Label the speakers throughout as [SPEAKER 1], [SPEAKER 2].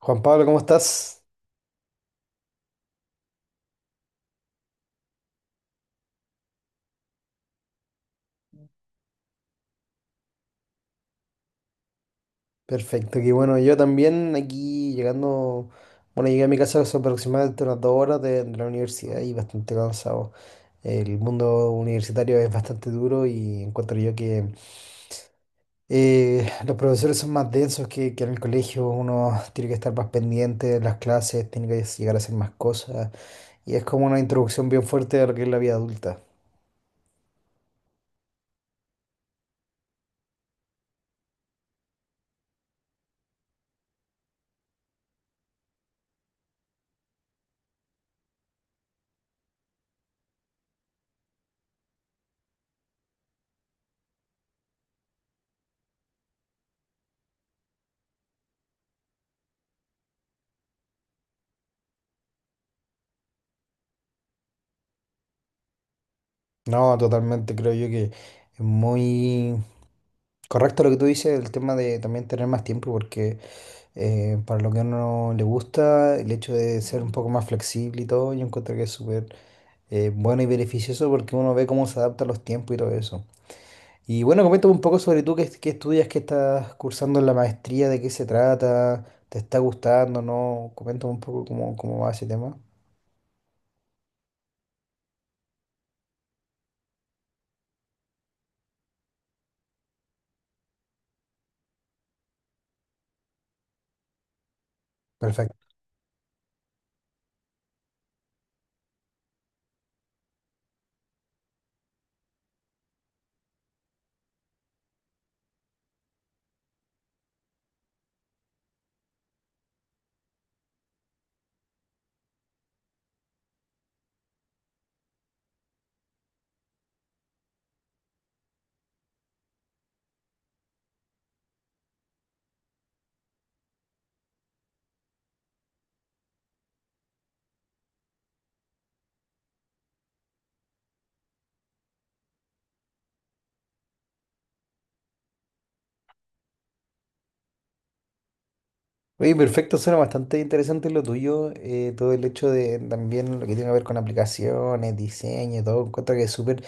[SPEAKER 1] Juan Pablo, ¿cómo estás? Perfecto, qué bueno. Yo también aquí llegando, bueno, llegué a mi casa hace aproximadamente unas dos horas de la universidad y bastante cansado. El mundo universitario es bastante duro y encuentro yo que los profesores son más densos que en el colegio. Uno tiene que estar más pendiente de las clases, tiene que llegar a hacer más cosas y es como una introducción bien fuerte a lo que es la vida adulta. No, totalmente, creo yo que es muy correcto lo que tú dices, el tema de también tener más tiempo, porque para lo que a uno le gusta, el hecho de ser un poco más flexible y todo, yo encuentro que es súper bueno y beneficioso porque uno ve cómo se adapta a los tiempos y todo eso. Y bueno, coméntame un poco sobre tú, qué, qué estudias, qué estás cursando en la maestría, de qué se trata, te está gustando, ¿no? Coméntame un poco cómo, cómo va ese tema. Oye, perfecto, suena bastante interesante lo tuyo, todo el hecho de también lo que tiene que ver con aplicaciones, diseño y todo, encuentro que es súper,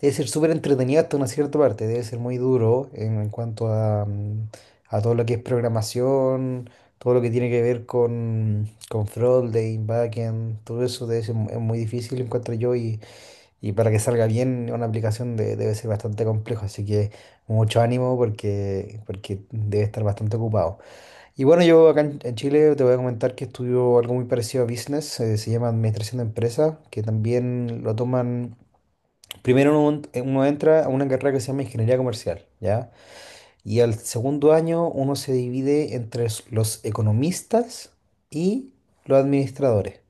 [SPEAKER 1] debe ser súper entretenido hasta una cierta parte, debe ser muy duro en cuanto a, a todo lo que es programación, todo lo que tiene que ver con frontend, backend, todo eso es muy difícil, encuentro yo, y para que salga bien debe ser bastante complejo, así que mucho ánimo porque, porque debe estar bastante ocupado. Y bueno, yo acá en Chile te voy a comentar que estudio algo muy parecido a business, se llama administración de empresas, que también lo toman, uno entra a una carrera que se llama ingeniería comercial, ¿ya? Y al segundo año uno se divide entre los economistas y los administradores.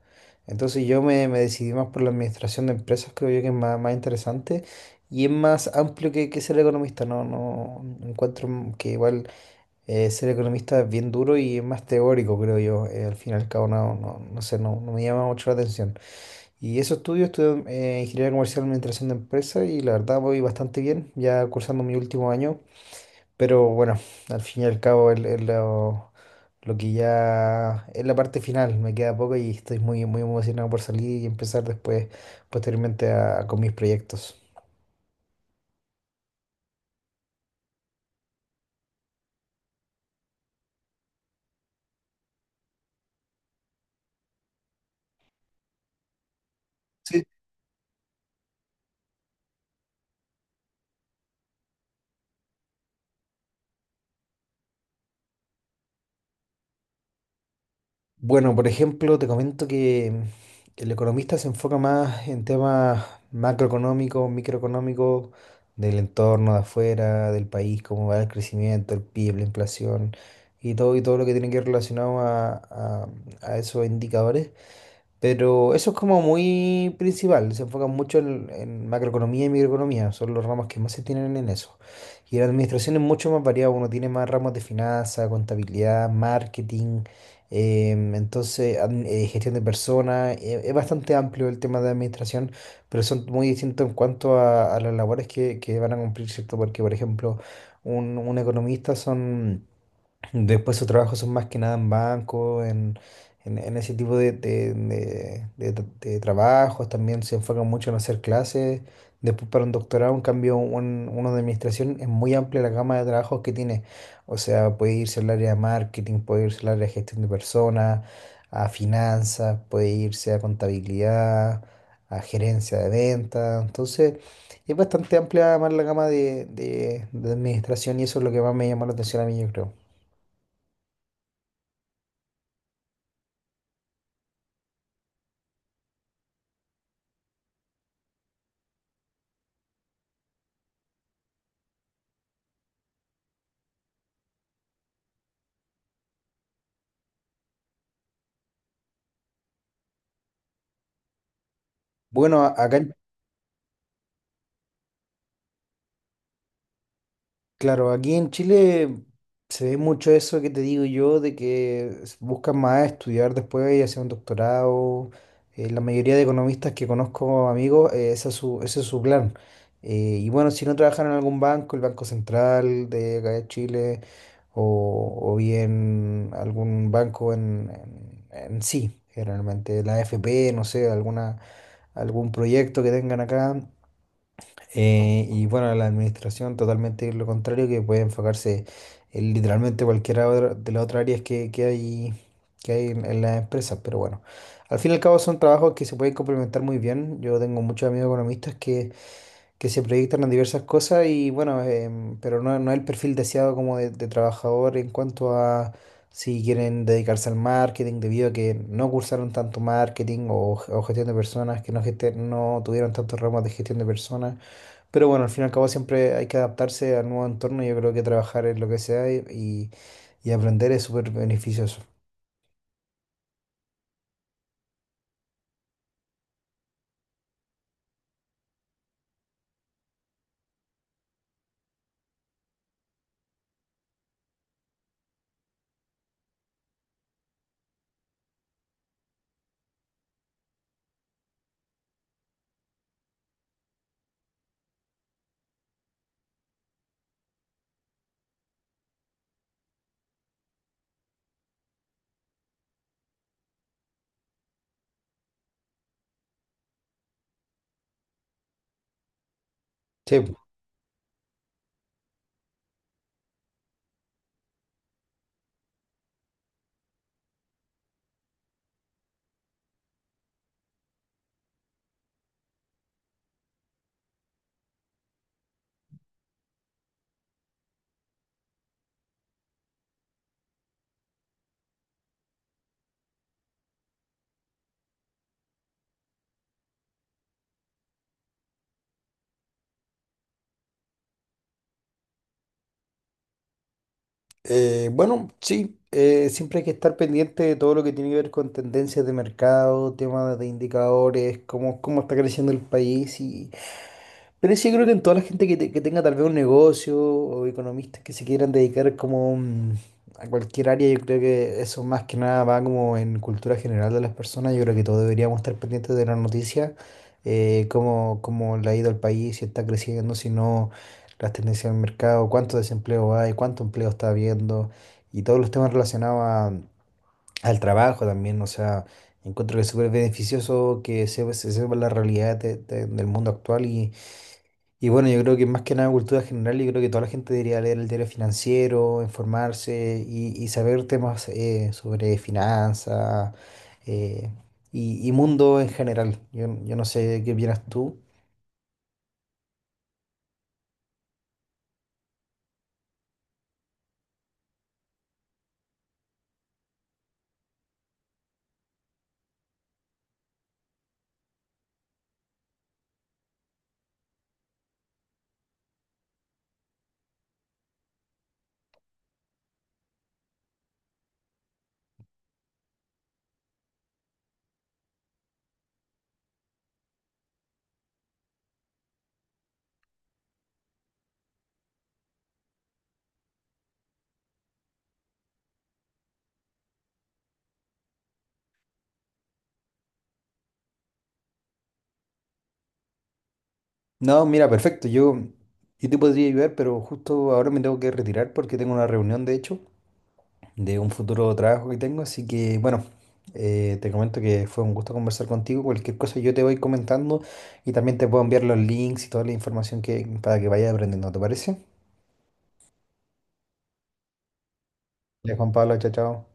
[SPEAKER 1] Entonces yo me decidí más por la administración de empresas, creo yo que es más, más interesante y es más amplio que ser economista, no, no encuentro que igual... ser economista es bien duro y es más teórico, creo yo. Eh, al fin y al cabo, no, no, no sé, no, no me llama mucho la atención. Y eso estudio, ingeniería comercial y administración de empresas y la verdad voy bastante bien, ya cursando mi último año. Pero bueno, al fin y al cabo es lo que ya es la parte final. Me queda poco y estoy muy, muy emocionado por salir y empezar después, posteriormente, con mis proyectos. Sí. Bueno, por ejemplo, te comento que el economista se enfoca más en temas macroeconómicos, microeconómicos, del entorno de afuera, del país, cómo va el crecimiento, el PIB, la inflación y todo lo que tiene que ir relacionado a esos indicadores. Pero eso es como muy principal, se enfocan mucho en macroeconomía y microeconomía, son los ramos que más se tienen en eso. Y la administración es mucho más variada, uno tiene más ramos de finanzas, contabilidad, marketing, entonces gestión de personas, es bastante amplio el tema de administración, pero son muy distintos en cuanto a las labores que van a cumplir, ¿cierto? Porque, por ejemplo, un economista son... Después sus trabajos son más que nada en banco, en, en ese tipo de trabajos. También se enfocan mucho en hacer clases. Después para un doctorado, en cambio, uno de administración es muy amplia la gama de trabajos que tiene. O sea, puede irse al área de marketing, puede irse al área de gestión de personas, a finanzas, puede irse a contabilidad, a gerencia de ventas. Entonces, es bastante amplia más la gama de de administración y eso es lo que más me llamó la atención a mí, yo creo. Bueno, a- acá, en- claro, aquí en Chile se ve mucho eso que te digo yo, de que buscan más estudiar después y hacer un doctorado. La mayoría de economistas que conozco, amigos, ese es su plan. Y bueno, si no trabajan en algún banco, el Banco Central de acá de Chile, o bien algún banco en sí, generalmente la AFP, no sé, alguna, algún proyecto que tengan acá. Y bueno, la administración totalmente lo contrario, que puede enfocarse en literalmente de las otras áreas que hay en las empresas. Pero bueno, al fin y al cabo son trabajos que se pueden complementar muy bien. Yo tengo muchos amigos economistas que se proyectan en diversas cosas y bueno, em, pero no, no es el perfil deseado como de trabajador en cuanto a si quieren dedicarse al marketing debido a que no cursaron tanto marketing o gestión de personas, que no, gesten- no tuvieron tantos ramos de gestión de personas. Pero bueno, al fin y al cabo siempre hay que adaptarse al nuevo entorno. Yo creo que trabajar en lo que sea y aprender es súper beneficioso. Sí, po. Bueno, sí, siempre hay que estar pendiente de todo lo que tiene que ver con tendencias de mercado, temas de indicadores, cómo, cómo está creciendo el país y... Pero sí, creo que en toda la gente que tenga tal vez un negocio o economistas que se quieran dedicar como mm, a cualquier área, yo creo que eso más que nada va como en cultura general de las personas. Yo creo que todos deberíamos estar pendientes de las noticias, cómo, cómo le ha ido al país, si está creciendo, si no, las tendencias del mercado, cuánto desempleo hay, cuánto empleo está habiendo y todos los temas relacionados al trabajo también. O sea, encuentro que es súper beneficioso que se sepa la realidad del mundo actual y bueno, yo creo que más que nada cultura general, yo creo que toda la gente debería leer el diario financiero, informarse y saber temas sobre finanzas eh, y mundo en general. Yo no sé qué opinas tú. No, mira, perfecto. Yo te podría ayudar, pero justo ahora me tengo que retirar porque tengo una reunión, de hecho, de un futuro trabajo que tengo. Así que, bueno, te comento que fue un gusto conversar contigo. Cualquier cosa yo te voy comentando y también te puedo enviar los links y toda la información que, para que vayas aprendiendo, ¿te parece? Ya, Juan Pablo, chao, chao.